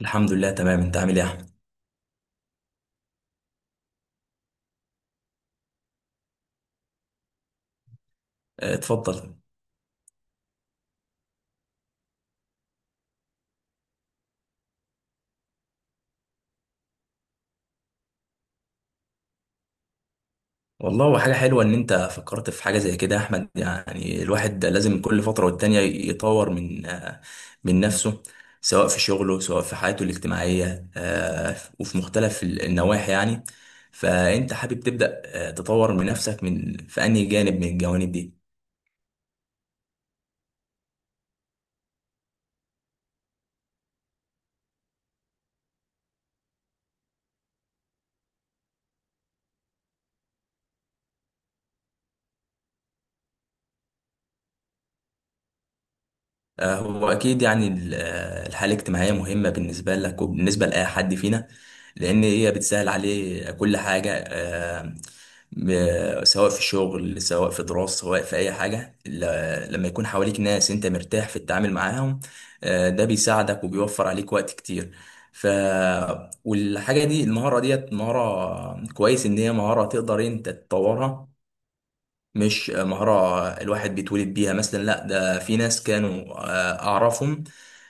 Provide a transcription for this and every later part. الحمد لله تمام. انت عامل ايه يا احمد؟ اه، اتفضل. والله هو حاجه حلوه ان انت فكرت في حاجه زي كده يا احمد، يعني الواحد لازم كل فتره والتانيه يطور من نفسه، سواء في شغله سواء في حياته الاجتماعيه، وفي مختلف النواحي يعني. فانت حابب تبدا اه، تطور من نفسك من في انهي جانب من الجوانب دي؟ هو أكيد يعني الحالة الاجتماعية مهمة بالنسبة لك وبالنسبة لأي حد فينا، لأن هي بتسهل عليه كل حاجة، سواء في شغل سواء في دراسة سواء في أي حاجة. لما يكون حواليك ناس أنت مرتاح في التعامل معاهم، ده بيساعدك وبيوفر عليك وقت كتير. ف والحاجة دي، المهارة ديت مهارة كويس، إن هي مهارة تقدر أنت تطورها، مش مهارة الواحد بيتولد بيها. مثلا لا، ده في ناس كانوا أعرفهم،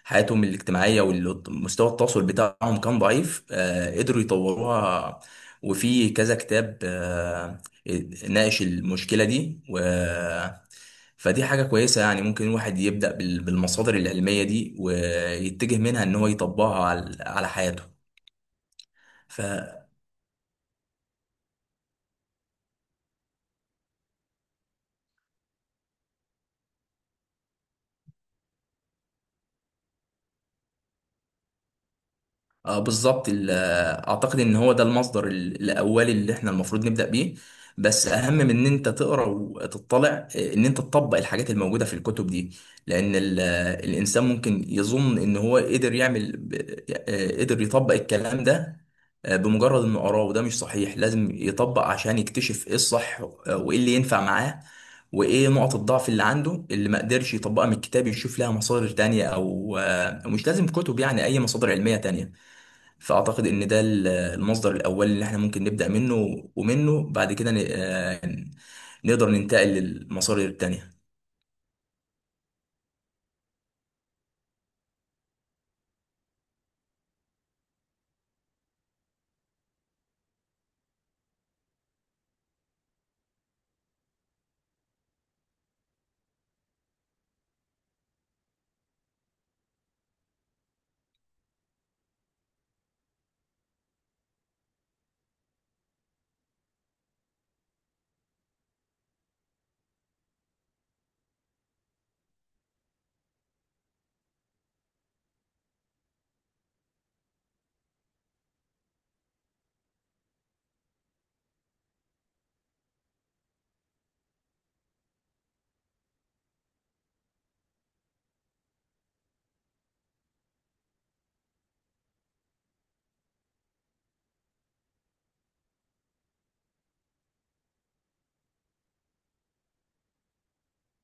حياتهم الاجتماعية ومستوى التواصل بتاعهم كان ضعيف، قدروا يطوروها. وفي كذا كتاب ناقش المشكلة دي، فدي حاجة كويسة يعني. ممكن الواحد يبدأ بالمصادر العلمية دي، ويتجه منها إن هو يطبقها على حياته. اه بالظبط. اعتقد ان هو ده المصدر الاولي اللي احنا المفروض نبدا بيه. بس اهم من ان انت تقرا وتطلع، ان انت تطبق الحاجات الموجوده في الكتب دي. لان الانسان ممكن يظن ان هو قدر يعمل قدر يطبق الكلام ده بمجرد انه قراه، وده مش صحيح. لازم يطبق عشان يكتشف ايه الصح، وايه اللي ينفع معاه وايه نقط الضعف اللي عنده اللي ما قدرش يطبقها من الكتاب، يشوف لها مصادر تانية، او مش لازم كتب يعني، اي مصادر علميه تانية. فأعتقد إن ده المصدر الأول اللي إحنا ممكن نبدأ منه، ومنه بعد كده نقدر ننتقل للمصادر التانية.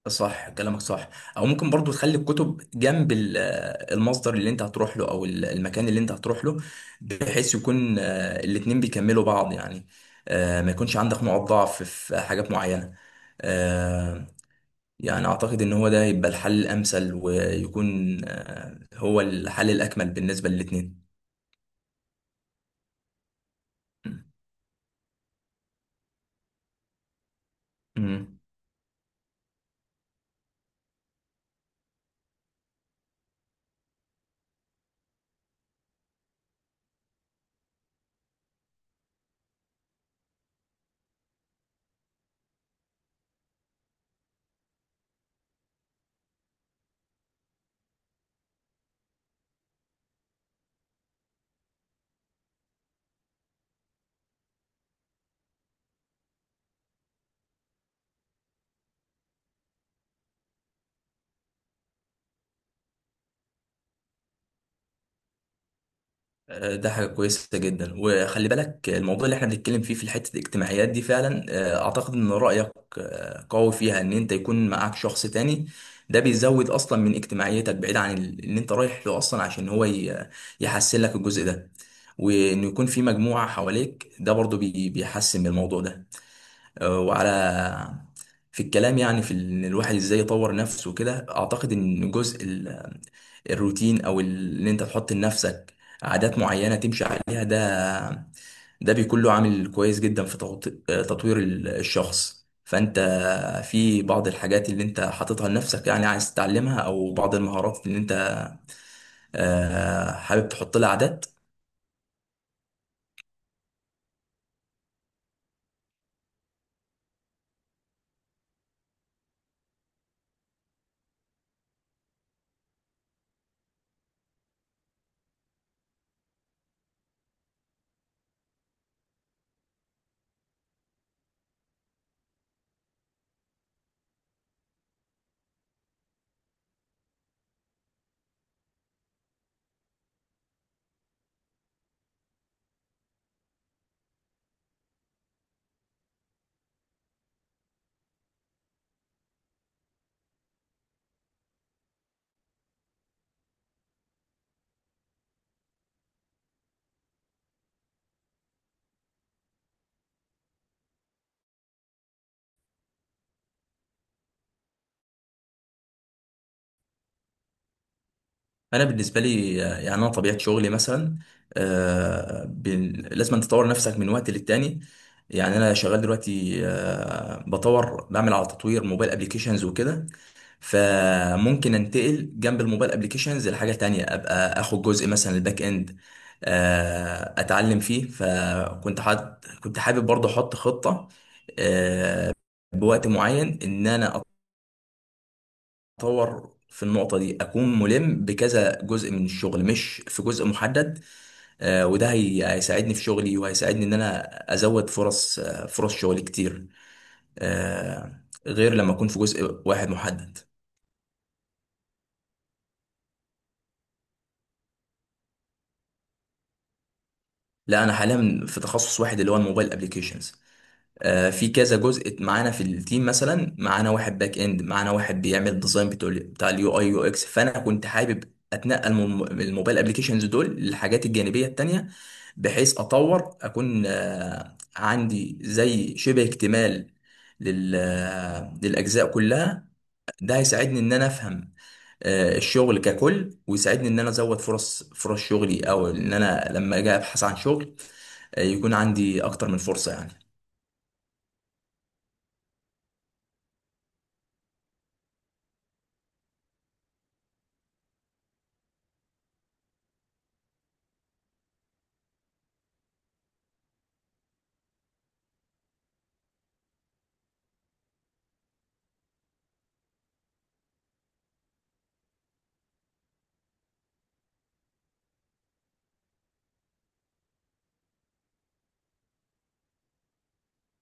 صح كلامك صح. أو ممكن برضو تخلي الكتب جنب المصدر اللي أنت هتروح له، أو المكان اللي أنت هتروح له، بحيث يكون الاتنين بيكملوا بعض يعني. ما يكونش عندك نقط ضعف في حاجات معينة. آه، يعني أعتقد إن هو ده يبقى الحل الأمثل، ويكون هو الحل الأكمل بالنسبة للاتنين. مم. ده حاجة كويسة جدا. وخلي بالك الموضوع اللي احنا بنتكلم فيه في حتة الاجتماعيات دي، فعلا اعتقد ان رأيك قوي فيها، ان انت يكون معاك شخص تاني، ده بيزود اصلا من اجتماعيتك بعيد عن ان انت رايح له اصلا عشان هو يحسن لك الجزء ده. وانه يكون في مجموعة حواليك، ده برضو بيحسن من الموضوع ده. آه، وعلى في الكلام يعني، في ان الواحد ازاي يطور نفسه وكده، اعتقد ان جزء الروتين او ان انت تحط لنفسك عادات معينه تمشي عليها، ده بيكون له عامل كويس جدا في تطوير الشخص. فانت في بعض الحاجات اللي انت حاططها لنفسك يعني عايز تتعلمها، او بعض المهارات اللي انت حابب تحط لها عادات. انا بالنسبه لي يعني انا طبيعه شغلي مثلا لازم تطور نفسك من وقت للتاني. يعني انا شغال دلوقتي آه، بطور بعمل على تطوير موبايل ابليكيشنز وكده. فممكن انتقل جنب الموبايل ابليكيشنز لحاجه تانية، ابقى اخد جزء مثلا الباك اند، اتعلم فيه. فكنت حد كنت حابب برضه احط خطه آه، بوقت معين ان انا اطور في النقطه دي، اكون ملم بكذا جزء من الشغل مش في جزء محدد. وده هيساعدني في شغلي وهيساعدني ان انا ازود فرص شغل كتير، غير لما اكون في جزء واحد محدد. لا، انا حاليا في تخصص واحد، اللي هو الموبايل ابلكيشنز. في كذا جزء معانا في التيم، مثلا معانا واحد باك اند، معانا واحد بيعمل ديزاين بتاع اليو اي يو اكس. فانا كنت حابب اتنقل من الموبايل ابلكيشنز دول للحاجات الجانبيه التانيه، بحيث اطور اكون عندي زي شبه اكتمال لل آه، للاجزاء كلها. ده هيساعدني ان انا افهم الشغل ككل، ويساعدني ان انا ازود فرص شغلي، او ان انا لما اجي ابحث عن شغل يكون عندي اكتر من فرصه يعني.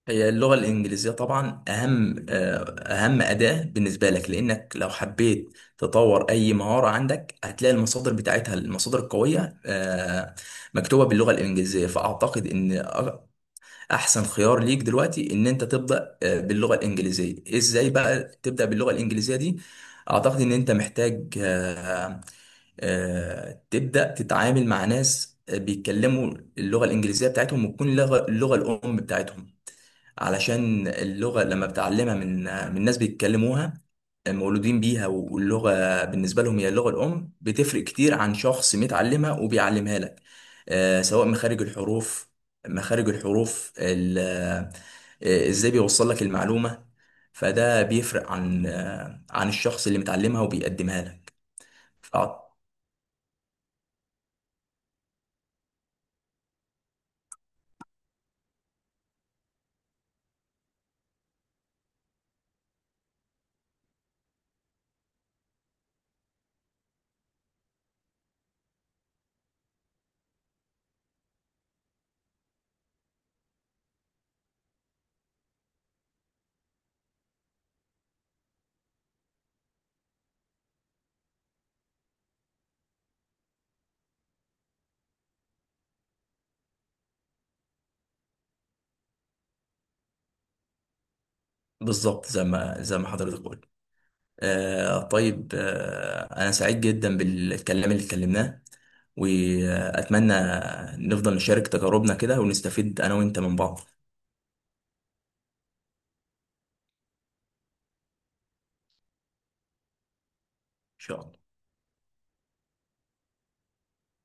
هي اللغة الإنجليزية طبعا أهم أداة بالنسبة لك، لأنك لو حبيت تطور أي مهارة عندك هتلاقي المصادر بتاعتها، المصادر القوية مكتوبة باللغة الإنجليزية. فأعتقد إن أحسن خيار ليك دلوقتي إن أنت تبدأ باللغة الإنجليزية. إزاي بقى تبدأ باللغة الإنجليزية دي؟ أعتقد إن أنت محتاج تبدأ تتعامل مع ناس بيتكلموا اللغة الإنجليزية بتاعتهم، وتكون اللغة الأم بتاعتهم، علشان اللغة لما بتعلمها من ناس بيتكلموها مولودين بيها، واللغة بالنسبة لهم هي اللغة الأم، بتفرق كتير عن شخص متعلمها وبيعلمها لك. سواء مخارج الحروف، مخارج الحروف ازاي بيوصل لك المعلومة، فده بيفرق عن الشخص اللي متعلمها وبيقدمها لك. ف- بالظبط زي ما زي ما حضرتك قلت. آه طيب، أنا سعيد جدا بالكلام اللي اتكلمناه، وأتمنى نفضل نشارك تجاربنا كده ونستفيد أنا وأنت من بعض، إن شاء الله.